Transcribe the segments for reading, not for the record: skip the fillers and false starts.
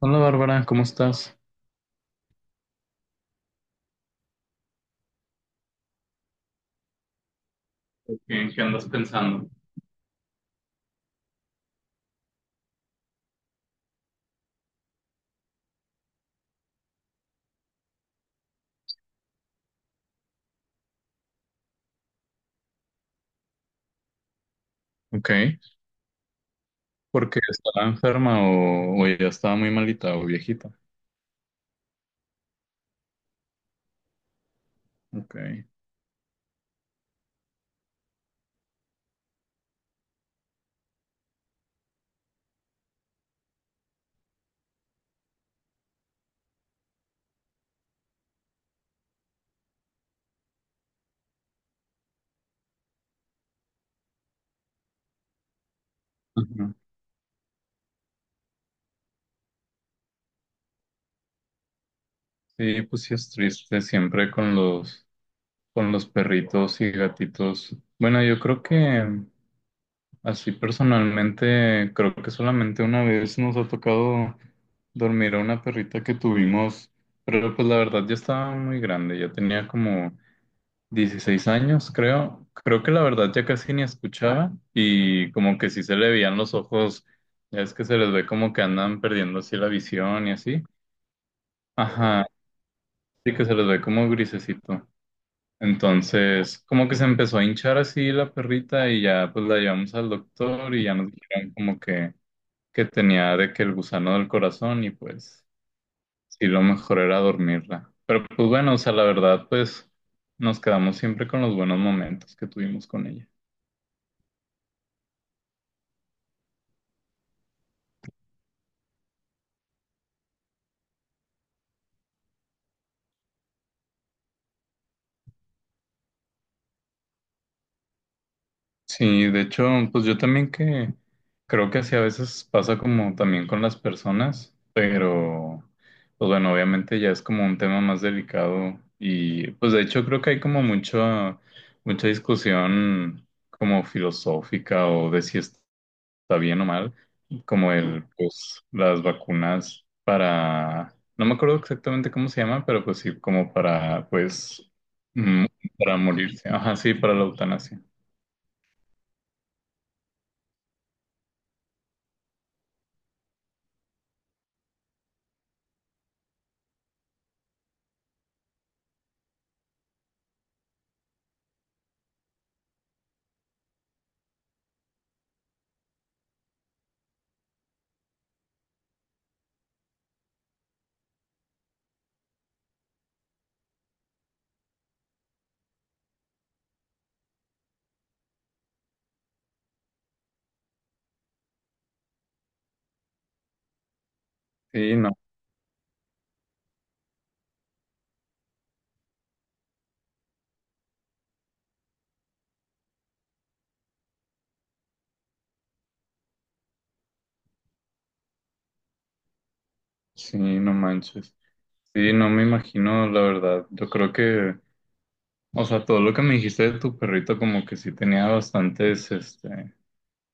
Hola Bárbara, ¿cómo estás? ¿En qué andas pensando? Ok, porque estaba enferma o ya estaba muy malita o viejita. Ok. Ujú. Sí, pues sí es triste siempre con los perritos y gatitos. Bueno, yo creo que así personalmente, creo que solamente una vez nos ha tocado dormir a una perrita que tuvimos, pero pues la verdad ya estaba muy grande, ya tenía como 16 años, creo. Creo que la verdad ya casi ni escuchaba y como que sí se le veían los ojos, ya es que se les ve como que andan perdiendo así la visión y así. Ajá, sí que se les ve como grisecito. Entonces, como que se empezó a hinchar así la perrita y ya pues la llevamos al doctor y ya nos dijeron como que tenía de que el gusano del corazón y pues sí lo mejor era dormirla. Pero pues bueno, o sea, la verdad pues nos quedamos siempre con los buenos momentos que tuvimos con ella. Sí, de hecho, pues yo también que creo que así a veces pasa como también con las personas, pero pues bueno, obviamente ya es como un tema más delicado y pues de hecho creo que hay como mucha, mucha discusión como filosófica o de si está bien o mal, como el, pues las vacunas para, no me acuerdo exactamente cómo se llama, pero pues sí, como para, pues, mm, para morirse, ajá, sí, para la eutanasia. Sí, no. Sí, no manches. Sí, no me imagino, la verdad. Yo creo que, o sea, todo lo que me dijiste de tu perrito, como que sí tenía bastantes, este,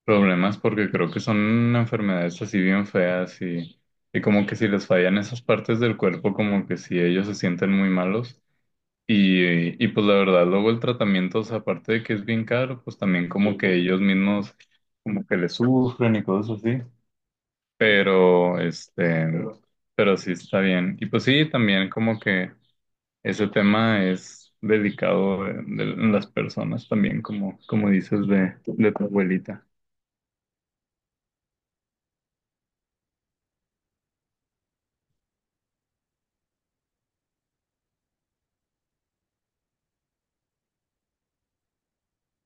problemas, porque creo que son enfermedades así bien feas y como que si les fallan esas partes del cuerpo, como que sí ellos se sienten muy malos. Y pues la verdad, luego el tratamiento, o sea, aparte de que es bien caro, pues también como que ellos mismos, como que le sufren y cosas así. Pero, este, pero sí está bien. Y pues sí, también como que ese tema es delicado de, las personas también, como dices de tu abuelita.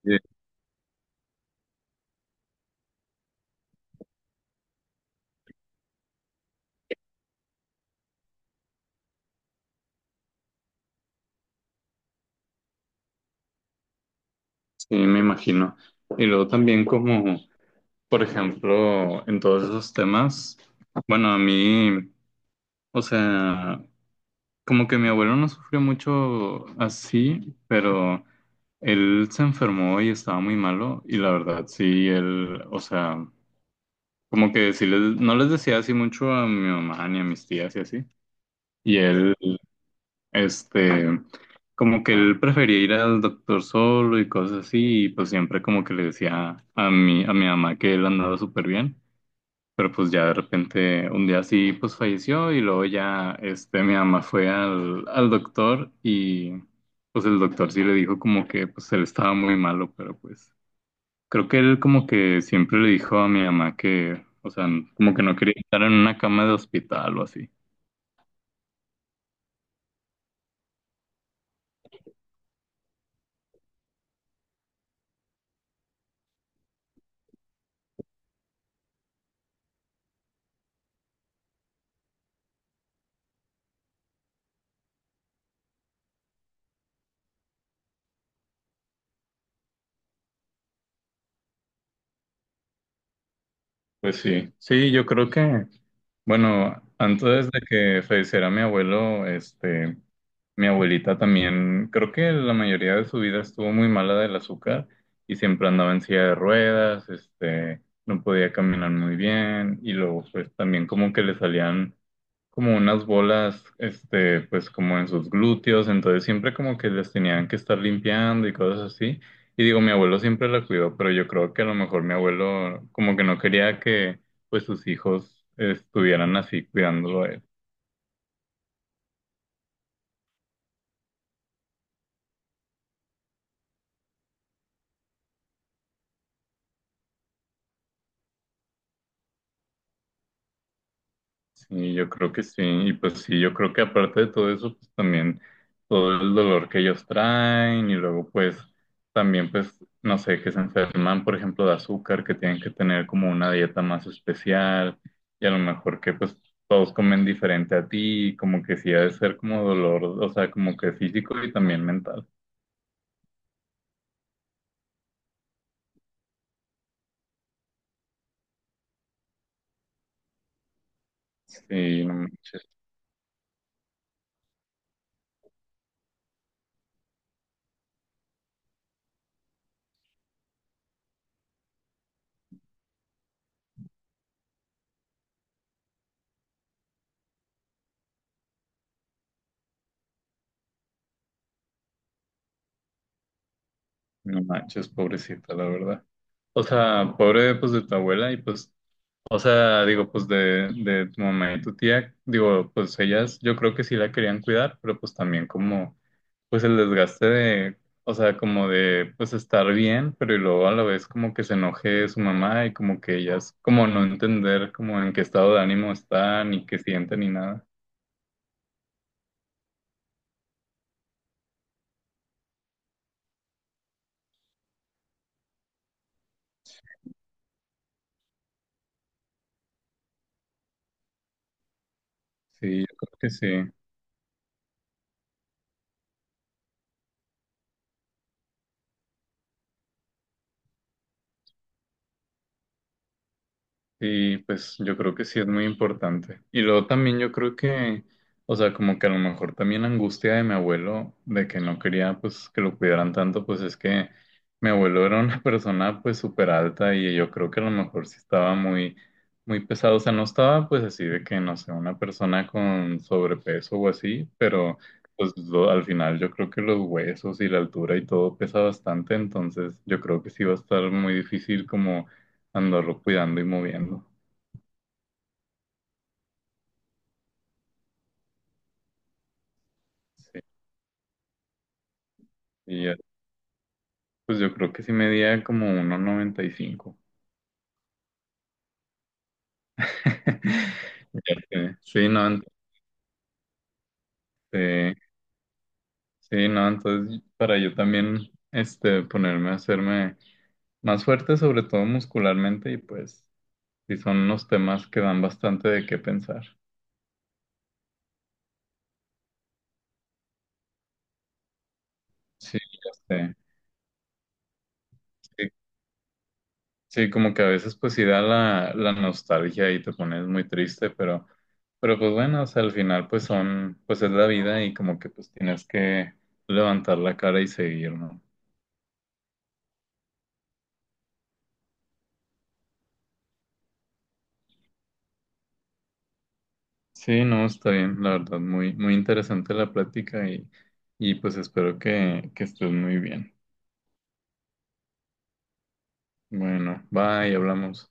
Sí, sí, me imagino. Y luego también como, por ejemplo, en todos esos temas, bueno, a mí, o sea, como que mi abuelo no sufrió mucho así, pero él se enfermó y estaba muy malo y la verdad, sí, él, o sea... Como que sí les, no les decía así mucho a mi mamá ni a mis tías y así. Y él, este, como que él prefería ir al doctor solo y cosas así. Y pues siempre como que le decía a mi, mamá que él andaba súper bien. Pero pues ya de repente un día así pues falleció y luego ya, este, mi mamá fue al doctor y pues el doctor sí le dijo como que pues él estaba muy malo, pero pues... Creo que él como que siempre le dijo a mi mamá que, o sea, como que no quería estar en una cama de hospital o así. Pues sí, sí, yo creo que, bueno, antes de que falleciera mi abuelo, este, mi abuelita también, creo que la mayoría de su vida estuvo muy mala del azúcar y siempre andaba en silla de ruedas, este, no podía caminar muy bien y luego pues también como que le salían como unas bolas, este, pues como en sus glúteos, entonces siempre como que les tenían que estar limpiando y cosas así. Y digo, mi abuelo siempre la cuidó, pero yo creo que a lo mejor mi abuelo como que no quería que pues sus hijos estuvieran así cuidándolo a él. Sí, yo creo que sí. Y pues sí, yo creo que aparte de todo eso, pues también todo el dolor que ellos traen y luego pues también pues, no sé, que se enferman, por ejemplo, de azúcar, que tienen que tener como una dieta más especial y a lo mejor que pues todos comen diferente a ti, y como que sí ha de ser como dolor, o sea, como que físico y también mental. Sí, no manches, no manches, pobrecita, la verdad. O sea, pobre pues de tu abuela y pues o sea, digo, pues de tu mamá y tu tía, digo, pues ellas yo creo que sí la querían cuidar, pero pues también como, pues el desgaste de, o sea, como de, pues estar bien, pero y luego a la vez como que se enoje su mamá y como que ellas, como no entender como en qué estado de ánimo están y qué sienten y nada. Sí, yo creo que sí. Sí, pues yo creo que sí es muy importante. Y luego también yo creo que, o sea, como que a lo mejor también la angustia de mi abuelo de que no quería pues que lo cuidaran tanto, pues es que mi abuelo era una persona pues súper alta y yo creo que a lo mejor sí estaba muy, muy pesado. O sea, no estaba pues así de que, no sé, una persona con sobrepeso o así, pero pues al final yo creo que los huesos y la altura y todo pesa bastante, entonces yo creo que sí va a estar muy difícil como andarlo cuidando y moviendo. Sí, y ya, pues yo creo que sí medía como 1.95. Ya sé. Eh, sí, no, entonces para yo también este, ponerme a hacerme más fuerte, sobre todo muscularmente, y pues sí son unos temas que dan bastante de qué pensar. Sí, ya sé. Sí, como que a veces pues sí da la nostalgia y te pones muy triste, pero, pues bueno, o sea, al final pues son, pues es la vida y como que pues tienes que levantar la cara y seguir, ¿no? Sí, no, está bien, la verdad, muy, muy interesante la plática y pues espero que, estés muy bien. Bueno, bye, hablamos.